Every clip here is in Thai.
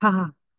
ค่ะ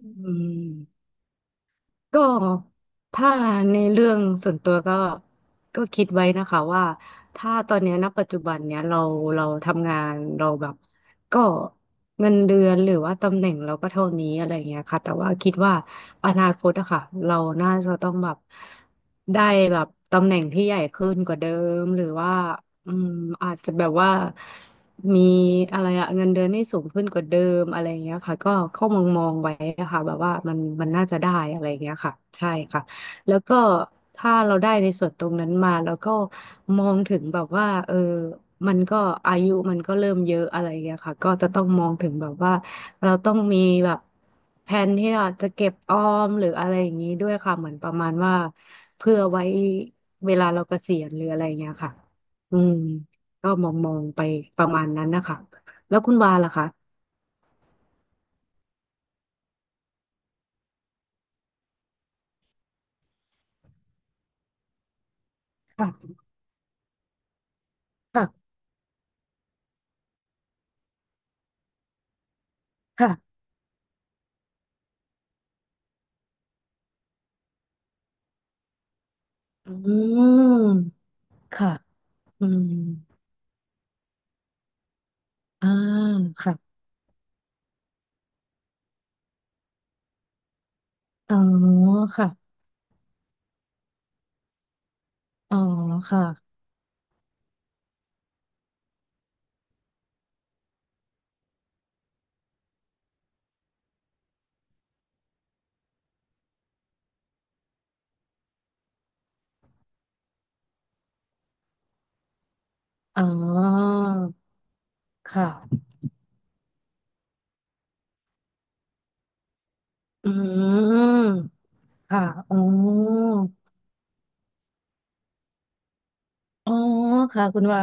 อืมก็ถ้าในเรื่องส่วนตัวก็คิดไว้นะคะว่าถ้าตอนเนี้ยณปัจจุบันเนี้ยเราทำงานเราแบบก็เงินเดือนหรือว่าตำแหน่งเราก็เท่านี้อะไรอย่างเงี้ยค่ะแต่ว่าคิดว่าอนาคตอะค่ะเราน่าจะต้องแบบได้แบบตำแหน่งที่ใหญ่ขึ้นกว่าเดิมหรือว่าอืมอาจจะแบบว่า มีอะไรอะเงินเดือนที่สูงขึ้นกว่าเดิมอะไรอย่างเงี้ยค่ะก็เข้ามองมองไว้นะคะแบบว่ามันน่าจะได้อะไรอย่างเงี้ยค่ะใช่ค่ะแล้วก็ถ้าเราได้ในส่วนตรงนั้นมาแล้วก็มองถึงแบบว่าเออมันก็อายุมันก็เริ่มเยอะอะไรอย่างเงี้ยค่ะก็จะต้องมองถึงแบบว่าเราต้องมีแบบแผนที่เราจะเก็บออมหรืออะไรอย่างนี้ด้วยค่ะเหมือนประมาณว่าเพื่อไว้เวลาเราเกษียณหรืออะไรอย่างเงี้ยค่ะอืม ก็มองมองไปประมาณนั้นนะคะแล้วคุณวาล่ะคะค่ะค่ะค่ะอืมค่ะอืมอ่าค่ะอ๋อค่ะอ๋อค่ะอ๋อค่ะอืมค่ะอ๋ออ๋อค่ะคุณวา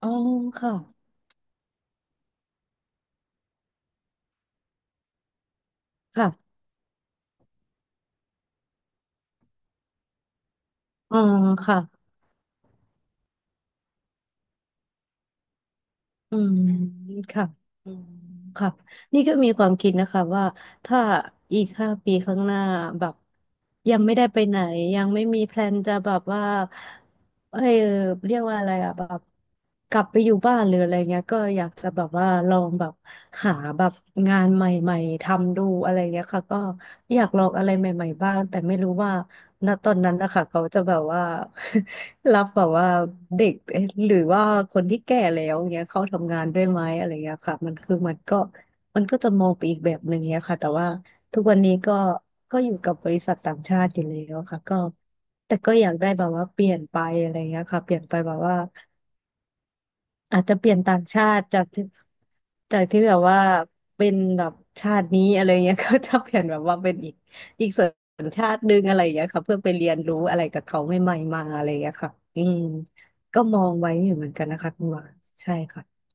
อ๋อค่ะค่ะอ๋อค่ะ อืมค่ะอืม ค่ะ นี่ก็มีความคิดนะคะว่าถ้าอีกห้าปีข้างหน้าแบบยังไม่ได้ไปไหนยังไม่มีแพลนจะแบบว่าเออเรียกว่าอะไรอะแบบกลับไปอยู่บ้านหรืออะไรเงี้ยก็อยากจะแบบว่าลองแบบหาแบบงานใหม่ๆทำดูอะไรเงี้ยค่ะก็อยากลองอะไรใหม่ๆบ้างแต่ไม่รู้ว่า ณตอนนั้นนะคะเขาจะแบบว่า รับแบบว่าเด็กเอ๊ะหรือว่าคนที่แก่แล้วเงี้ยเข้าทำงานด้วยไหมอะไรเงี้ยค่ะมันคือมันก็มันก็จะมองไปอีกแบบหนึ่งเงี้ยค่ะแต่ว่าทุกวันนี้ก็อยู่กับบริษัทต่างชาติอยู่แล้วค่ะก็แต่ก็อยากได้แบบว่าเปลี่ยนไปอะไรเงี้ยค่ะเปลี่ยนไปแบบว่า อาจจะเปลี่ยนต่างชาติจากที่จากที่แบบว่าเป็นแบบชาตินี้อะไรเงี้ย ก็จะเปลี่ยนแบบว่าเป็นอีกอีกสัญชาติหนึงอะไรอย่างเงี้ยค่ะเพื่อไปเรียนรู้อะไรกับเขาใหม่ๆมาอะไรอย่างเงี้ยค่ะอืมก็มองไว้อยู่เหมือนกันนะคะคุณหวานใช่ค่ะ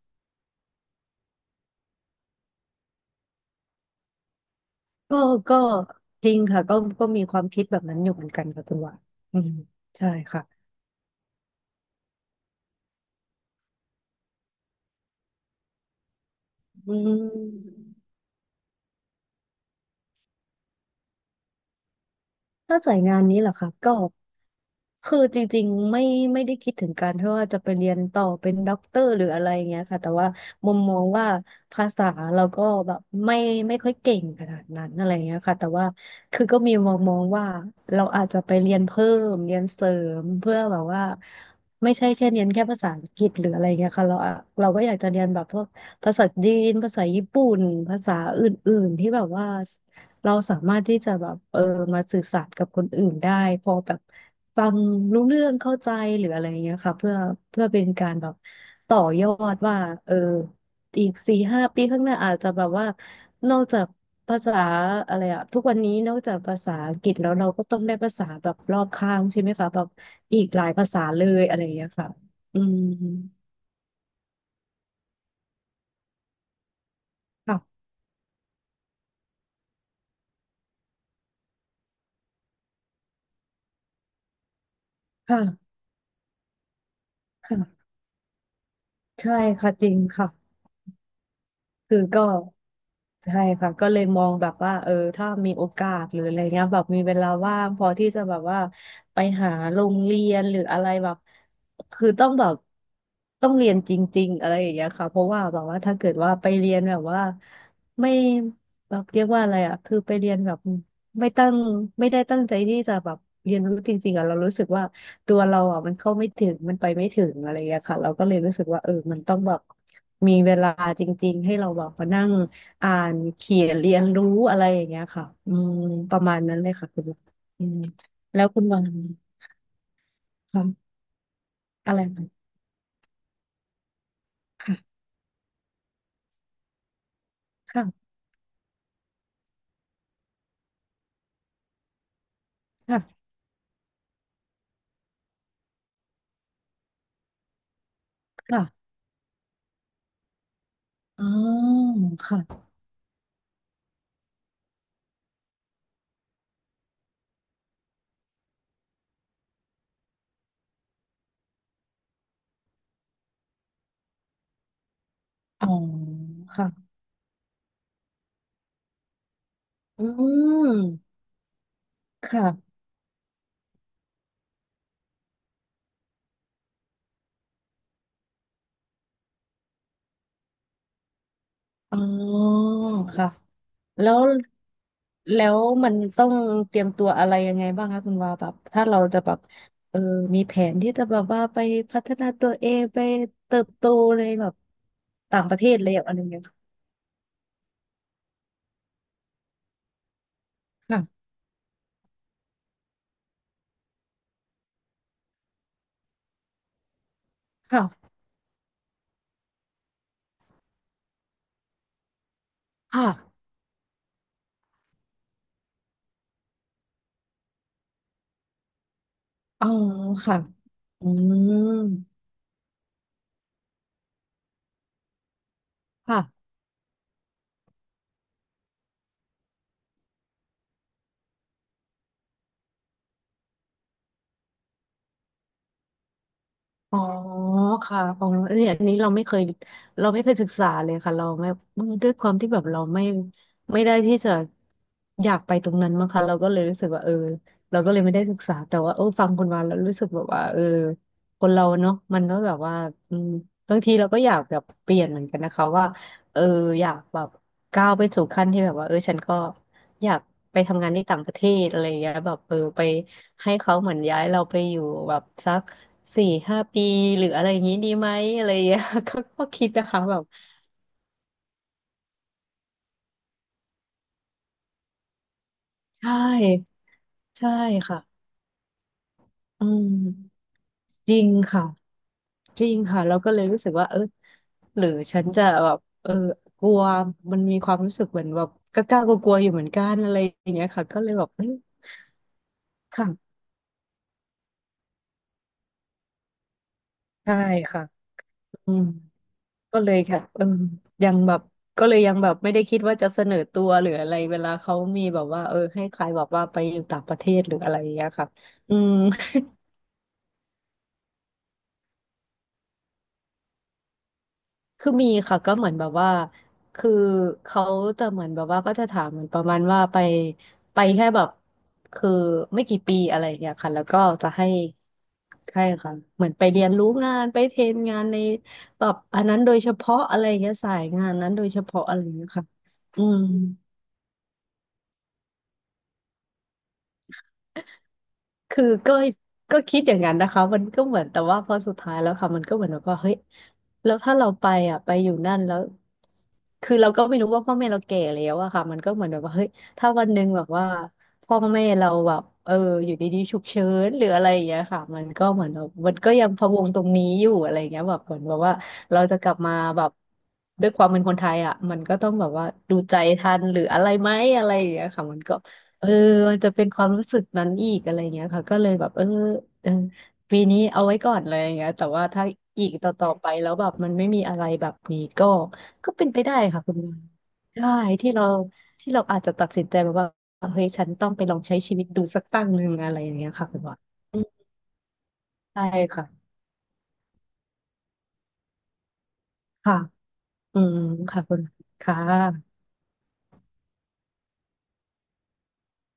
ก็ก็จริงค่ะก็มีความคิดแบบนั้นอยู่เหมือนกันค่ะคุณหวานอืมใช่ค่ะอืม ถ้าสายงานนี้เหรอคะก็คือจริงๆไม่ได้คิดถึงการที่ว่าจะไปเรียนต่อเป็นด็อกเตอร์หรืออะไรอย่างเงี้ยค่ะแต่ว่ามุมมองว่าภาษาเราก็แบบไม่ค่อยเก่งขนาดนั้นอะไรอย่างเงี้ยค่ะแต่ว่าคือก็มีมองมองว่าเราอาจจะไปเรียนเพิ่มเรียนเสริมเพื่อแบบว่าไม่ใช่แค่เรียนแค่ภาษาอังกฤษหรืออะไรเงี้ยค่ะเราอะเราก็อยากจะเรียนแบบพวกภาษาจีนภาษาญี่ปุ่นภาษาอื่นๆที่แบบว่า เราสามารถที่จะแบบเออมาสื่อสารกับคนอื่นได้พอแบบฟังรู้เรื่องเข้าใจหรืออะไรเงี้ยค่ะเพื่อเป็นการแบบต่อยอดว่าเอออีก4-5 ปีข้างหน้าอาจจะแบบว่านอกจากภาษาอะไรอะทุกวันนี้นอกจากภาษาอังกฤษแล้วเราก็ต้องได้ภาษาแบบรอบข้างใช่ไหมคะแบบอีกหลายภาษาเลยอะไรอย่างเงี้ยค่ะอืมค่ะค่ะค่ะใช่ค่ะจริงค่ะ คือก็ใช่ค่ะก็เลยมองแบบว่าเออถ้ามีโอกาสหรืออะไรเงี้ยแบบมีเวลาว่างพอที่จะแบบว่าไปหาโรงเรียนหรืออะไรแบบคือต้องแบบต้องเรียนจริงๆอะไรอย่างเงี้ยค่ะเพราะว่าแบบว่าถ้าเกิดว่าไปเรียนแบบว่าไม่แบบเรียกว่าอะไรอ่ะคือไปเรียนแบบไม่ตั้งไม่ได้ตั้งใจที่จะแบบเรียนรู้จริงๆอ่ะเรารู้สึกว่า ตัวเราอ่ะมันเข้าไม่ถึงมันไปไม่ถึงอะไรอย่างเงี้ยค่ะเราก็เลยรู้สึกว่าเออมันต้องแบบมีเวลาจริงๆให้เราแบบมานั่งอ่านเขียนเรียนรู้อะไรอย่างเงี้ยค่ะอืมประมาณนั้นเลยค่ะคุณอืมแล้วคุณวังค่ะอะไรนะค่ะค่ะค่ะค่ะอ๋อค่ะอ๋อค่ะอืมค่ะอ๋อค่ะ แล้วแล้วมันต้องเตรียมตัวอะไรยังไงบ้างคะคุณวาแบบถ้าเราจะแบบเออมีแผนที่จะแบบว่าไปพัฒนาตัวเองไปเติบโตในแบบต่างประเทศเลยอะไรอย่างเงี้ยค่ะค่ะค่ะอ๋อค่ะอืมค่ะ อ๋อค่ะอ๋อเนนี่ยอันนี้เราไม่เคยศึกษาเลยค่ะเราไม่ด้วยความที่แบบเราไม่ได้ที่จะอยากไปตรงนั้นมั้งคะเราก็เลยรู้สึกว่าเออเราก็เลยไม่ได้ศึกษาแต่ว่าเออฟังคุณมาแล้วรู้สึกแบบว่าเออคนเราเนาะมันก็แบบว่าอืมบางทีเราก็อยากแบบเปลี่ยนเหมือนกันนะคะว่าเอออยากแบบก้าวไปสู่ขั้นที่แบบว่าเออฉันก็อยากไปทำงานที่ต่างประเทศอะไรอย่างเงี้ยแบบเออไป ให้เขาเหมือนย้ายเราไปอยู่แบบสัก4-5 ปีหรืออะไรอย่างนี้ดีไหมอะไรอย่างเงี้ย ก็คิดนะคะแบบใช่ใช่ค่ะอืมจริงค่ะจริงค่ะเราก็เลยรู้สึกว่าเออหรือฉันจะแบบเออกลัวมันมีความรู้สึกเหมือนแบบกล้ากลัวกลัวๆอยู่เหมือนกันอะไรอย่างเงี้ยค่ะก็เลยแบบเอ้ยค่ะใช่ค่ะอืม ก็เลยค่ะเออยังแบบก็เลยยังแบบไม่ได้คิดว่าจะเสนอตัวหรืออะไรเวลาเขามีแบบว่าเออให้ใครแบบว่าไปอยู่ต่างประเทศหรืออะไรอย่างเงี้ยค่ะอืมคือมีค่ะก็เหมือนแบบว่าคือเขาจะเหมือนแบบว่าก็จะถามเหมือนประมาณว่าไปแค่แบบคือไม่กี่ปีอะไรอย่างเงี้ยค่ะแล้วก็จะให้ใช่ค่ะเหมือนไปเรียนรู้งานไปเทรนงานในแบบอันนั้นโดยเฉพาะอะไรอย่างเงี้ยสายงานนั้นโดยเฉพาะอะไรอย่างเงี้ยค่ะอืม คือก็คิดอย่างนั้นนะคะมันก็เหมือนแต่ว่าพอสุดท้ายแล้วค่ะมันก็เหมือนแบบว่าเฮ้ยแล้วถ้าเราไปอ่ะไปอยู่นั่นแล้วคือเราก็ไม่รู้ว่าพ่อแม่เราแก่แล้วอะค่ะมันก็เหมือนแบบว่าเฮ้ยถ้าวันหนึ่งแบบว่าพ่อแม่เราแบบเอออยู่ดีๆฉุกเฉินหรืออะไรอย่างเงี้ยค่ะมันก็เหมือนแบบมันก็ยังพะวงตรงนี้อยู่อะไรอย่างเงี้ยแบบเหมือนแบบว่าเราจะกลับมาแบบด้วยความเป็นคนไทยอ่ะมันก็ต้องแบบว่าดูใจทันหรืออะไรไหมอะไรอย่างเงี้ยค่ะมันก็ เออมันจะเป็นความรู้สึกนั้นอีกอะไรเงี้ยค่ะก็เลยแบบเออปีนี้เอาไว้ก่อนเลยอย่างเงี้ยแต่ว่าถ้าอีกต่อๆไปแล้วแบบมันไม่มีอะไรแบบนี้ก็เป็นไปได้ค่ะคุณวาได้ที่เราที่เราอาจจะตัดสินใจแบบว่าเฮ้ยฉันต้องไปลองใช้ชีวิตดูสักตั้งหนึ่งอะไรอย่างเงี้ยค่ะคุณวาอืมใช่ค่ะค่ะอืมค่ะคุณค่ะ